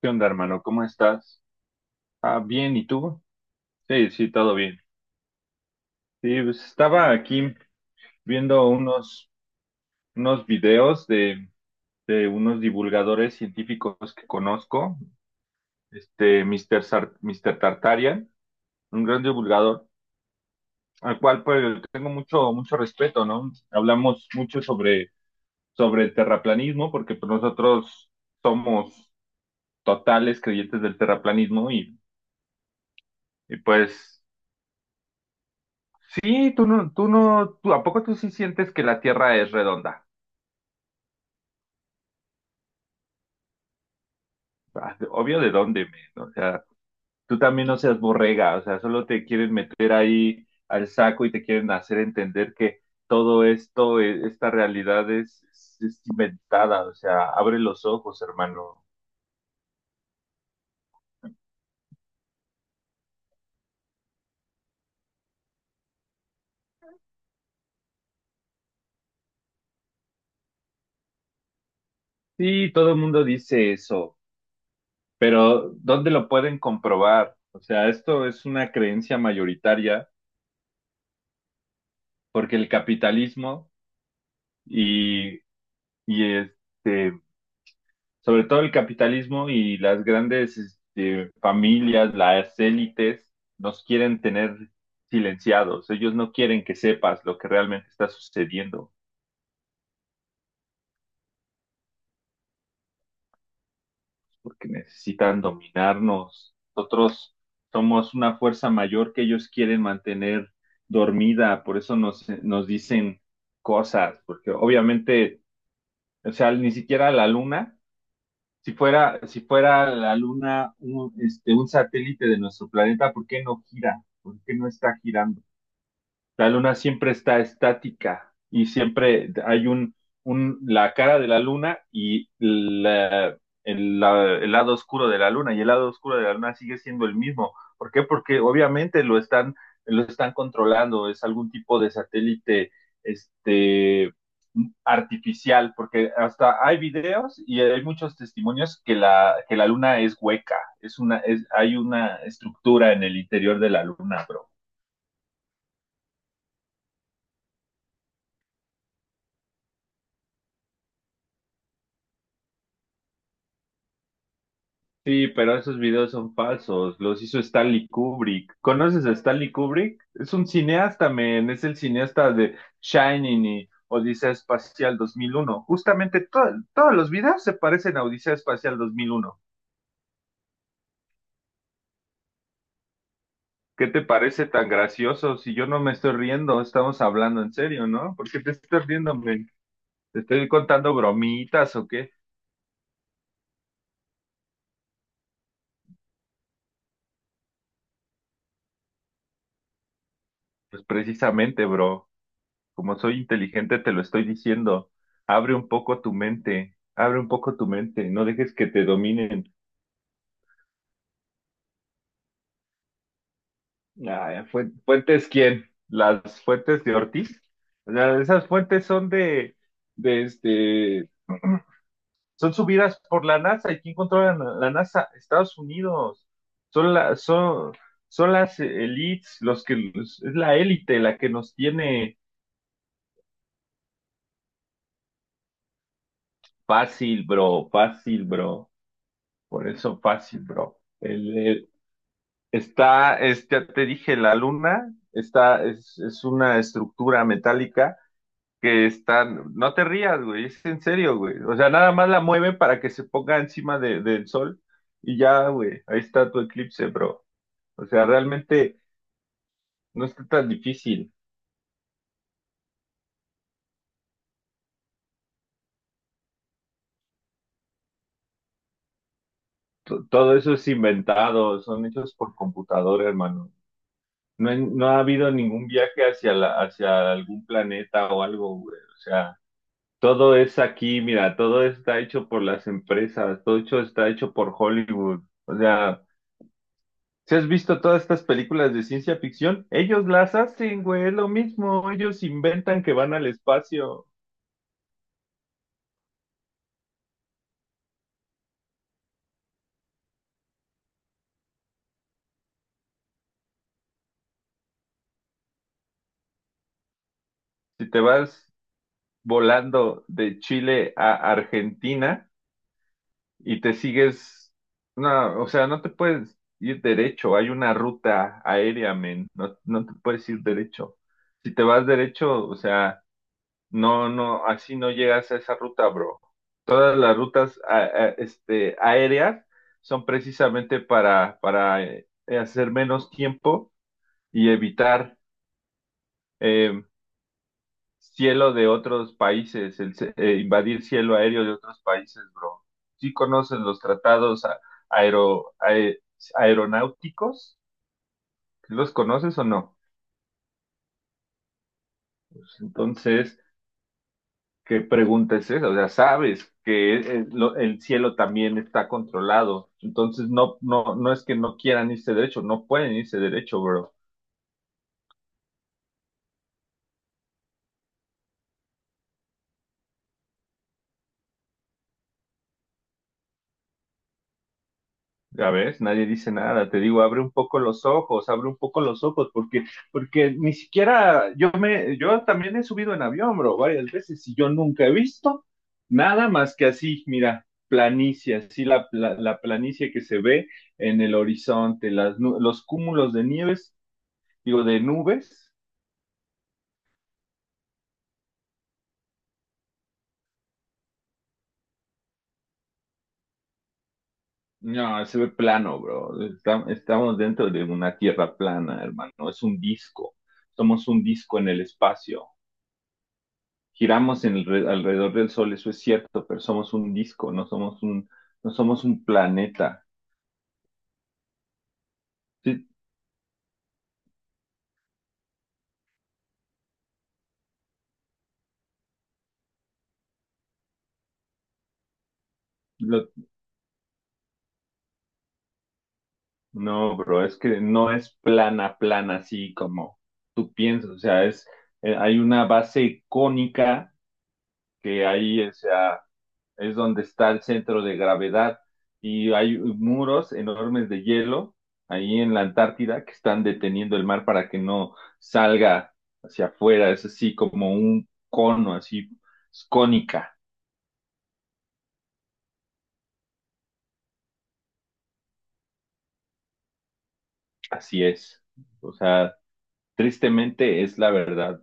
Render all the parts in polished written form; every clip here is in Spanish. ¿Qué onda, hermano? ¿Cómo estás? Ah, bien, ¿y tú? Sí, todo bien. Sí, pues estaba aquí viendo unos videos de unos divulgadores científicos que conozco, este Mr. Mr. Tartarian, un gran divulgador, al cual pues tengo mucho respeto, ¿no? Hablamos mucho sobre el terraplanismo, porque pues, nosotros somos totales creyentes del terraplanismo y pues Sí, tú no, tú no, tú, ¿a poco tú sí sientes que la Tierra es redonda? Ah, obvio de dónde, men, o sea, tú también no seas borrega, o sea, solo te quieren meter ahí al saco y te quieren hacer entender que todo esto, esta realidad es, es inventada, o sea, abre los ojos, hermano. Sí, todo el mundo dice eso, pero ¿dónde lo pueden comprobar? O sea, esto es una creencia mayoritaria porque el capitalismo y, y sobre todo el capitalismo y las grandes este, familias, las élites, nos quieren tener silenciados. Ellos no quieren que sepas lo que realmente está sucediendo, porque necesitan dominarnos. Nosotros somos una fuerza mayor que ellos quieren mantener dormida, por eso nos dicen cosas, porque obviamente, o sea, ni siquiera la luna. Si fuera la Luna un satélite de nuestro planeta, ¿por qué no gira? ¿Por qué no está girando? La luna siempre está estática y siempre hay la cara de la luna y el lado oscuro de la luna, y el lado oscuro de la luna sigue siendo el mismo. ¿Por qué? Porque obviamente lo están controlando, es algún tipo de satélite, este, artificial, porque hasta hay videos y hay muchos testimonios que que la luna es hueca, hay una estructura en el interior de la luna, bro. Sí, pero esos videos son falsos, los hizo Stanley Kubrick. ¿Conoces a Stanley Kubrick? Es un cineasta, men, es el cineasta de Shining y Odisea Espacial 2001. Todos los videos se parecen a Odisea Espacial 2001. ¿Qué te parece tan gracioso? Si yo no me estoy riendo, estamos hablando en serio, ¿no? ¿Por qué te estás riendo, men? ¿Te estoy contando bromitas o qué? Pues precisamente, bro. Como soy inteligente, te lo estoy diciendo. Abre un poco tu mente, abre un poco tu mente, no dejes que te dominen. Ah, ¿fuentes quién? ¿Las fuentes de Ortiz? O sea, esas fuentes son de son subidas por la NASA. ¿Y quién controla la NASA? Estados Unidos. Son la, son, son las elites, es la élite la que nos tiene. Fácil, bro, fácil, bro. Por eso fácil, bro. Ya te dije, la luna está, es una estructura metálica que está, no te rías, güey, es en serio, güey. O sea, nada más la mueven para que se ponga encima del sol y ya, güey, ahí está tu eclipse, bro. O sea, realmente no está tan difícil. Todo eso es inventado, son hechos por computadora, hermano. No, no ha habido ningún viaje hacia hacia algún planeta o algo, güey. O sea. Todo es aquí, mira, todo está hecho por las empresas, todo hecho, está hecho por Hollywood. O sea, si has visto todas estas películas de ciencia ficción, ellos las hacen, güey, es lo mismo, ellos inventan que van al espacio. Si te vas volando de Chile a Argentina y te sigues, no, o sea, no te puedes ir derecho, hay una ruta aérea, men, no te puedes ir derecho. Si te vas derecho, o sea... no, así no llegas a esa ruta, bro. Todas las rutas aéreas son precisamente para hacer menos tiempo y evitar eh, cielo de otros países, invadir cielo aéreo de otros países, bro. ¿Sí conoces los tratados aero- ae- aeronáuticos? ¿Los conoces o no? Entonces, ¿qué pregunta es esa? O sea, sabes que el cielo también está controlado. Entonces, no es que no quieran irse derecho, no pueden irse derecho, bro. Ya ves, nadie dice nada. Te digo, abre un poco los ojos, abre un poco los ojos, porque, porque ni siquiera yo también he subido en avión, bro, varias veces y yo nunca he visto nada más que así, mira, planicie, así la planicie que se ve en el horizonte, los cúmulos de nieves, digo, de nubes. No, se ve plano, bro. Estamos dentro de una tierra plana, hermano. Es un disco. Somos un disco en el espacio. Giramos en alrededor del Sol, eso es cierto, pero somos un disco, no somos un planeta. Sí, lo- no, bro, es que no es plana, plana, así como tú piensas. O sea, es, hay una base cónica que ahí, o sea, es donde está el centro de gravedad y hay muros enormes de hielo ahí en la Antártida que están deteniendo el mar para que no salga hacia afuera, es así como un cono, así es cónica, así es. O sea, tristemente es la verdad.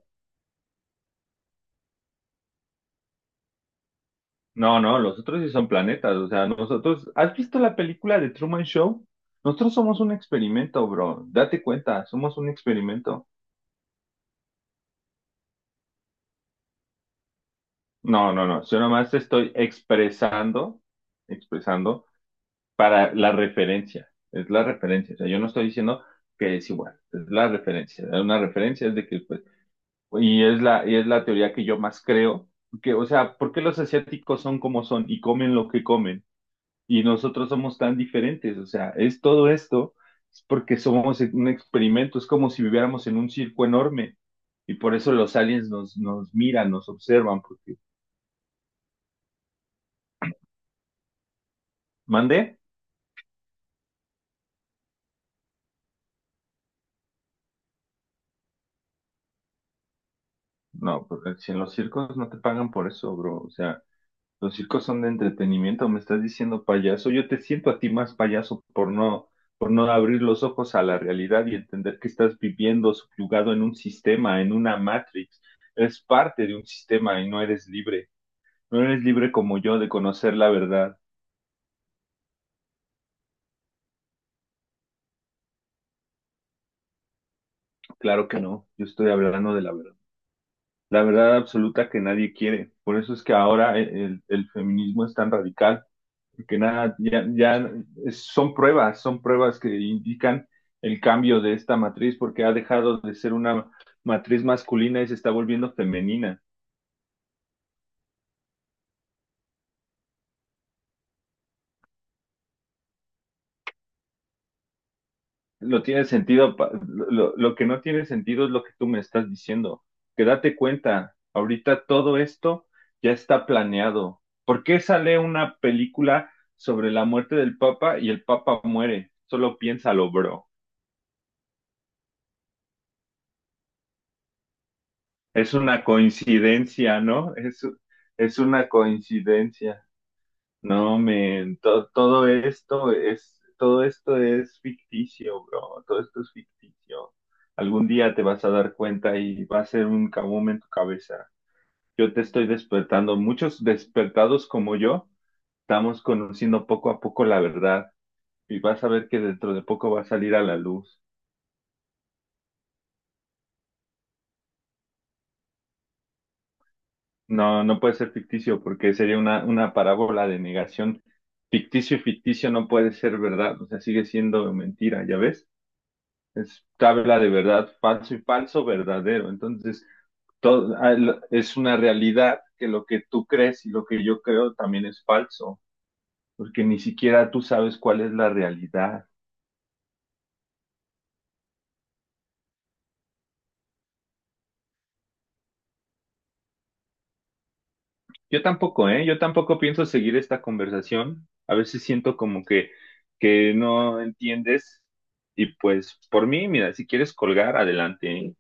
No, no, los otros sí son planetas, o sea, nosotros, ¿has visto la película de Truman Show? Nosotros somos un experimento, bro, date cuenta, somos un experimento. No, no, no. Yo nomás estoy expresando para la referencia. Es la referencia. O sea, yo no estoy diciendo que es igual. Es la referencia. Una referencia es de que, pues, y es la teoría que yo más creo. Que, o sea, ¿por qué los asiáticos son como son y comen lo que comen? Y nosotros somos tan diferentes. O sea, es todo esto, es porque somos un experimento. Es como si viviéramos en un circo enorme. Y por eso los aliens nos miran, nos observan, porque. ¿Mandé? No, porque si en los circos no te pagan por eso, bro. O sea, los circos son de entretenimiento, me estás diciendo payaso. Yo te siento a ti más payaso por no abrir los ojos a la realidad y entender que estás viviendo subyugado en un sistema, en una matrix. Eres parte de un sistema y no eres libre. No eres libre como yo de conocer la verdad. Claro que no, yo estoy hablando de la verdad. La verdad absoluta que nadie quiere. Por eso es que ahora el feminismo es tan radical porque nada, ya son pruebas que indican el cambio de esta matriz porque ha dejado de ser una matriz masculina y se está volviendo femenina. Lo tiene sentido, lo que no tiene sentido es lo que tú me estás diciendo, que date cuenta, ahorita todo esto ya está planeado. ¿Por qué sale una película sobre la muerte del Papa y el Papa muere? Solo piénsalo, bro. Es una coincidencia, ¿no? Es una coincidencia. No, men, todo esto es ficticio, bro. Todo esto es ficticio. Algún día te vas a dar cuenta y va a ser un kaboom en tu cabeza. Yo te estoy despertando. Muchos despertados como yo estamos conociendo poco a poco la verdad y vas a ver que dentro de poco va a salir a la luz. No, no puede ser ficticio porque sería una parábola de negación. Ficticio y ficticio no puede ser verdad, o sea, sigue siendo mentira, ¿ya ves? Es tabla de verdad, falso y falso, verdadero. Entonces, es una realidad que lo que tú crees y lo que yo creo también es falso, porque ni siquiera tú sabes cuál es la realidad. Yo tampoco, ¿eh? Yo tampoco pienso seguir esta conversación. A veces siento como que no entiendes y pues por mí, mira, si quieres colgar, adelante, ¿eh?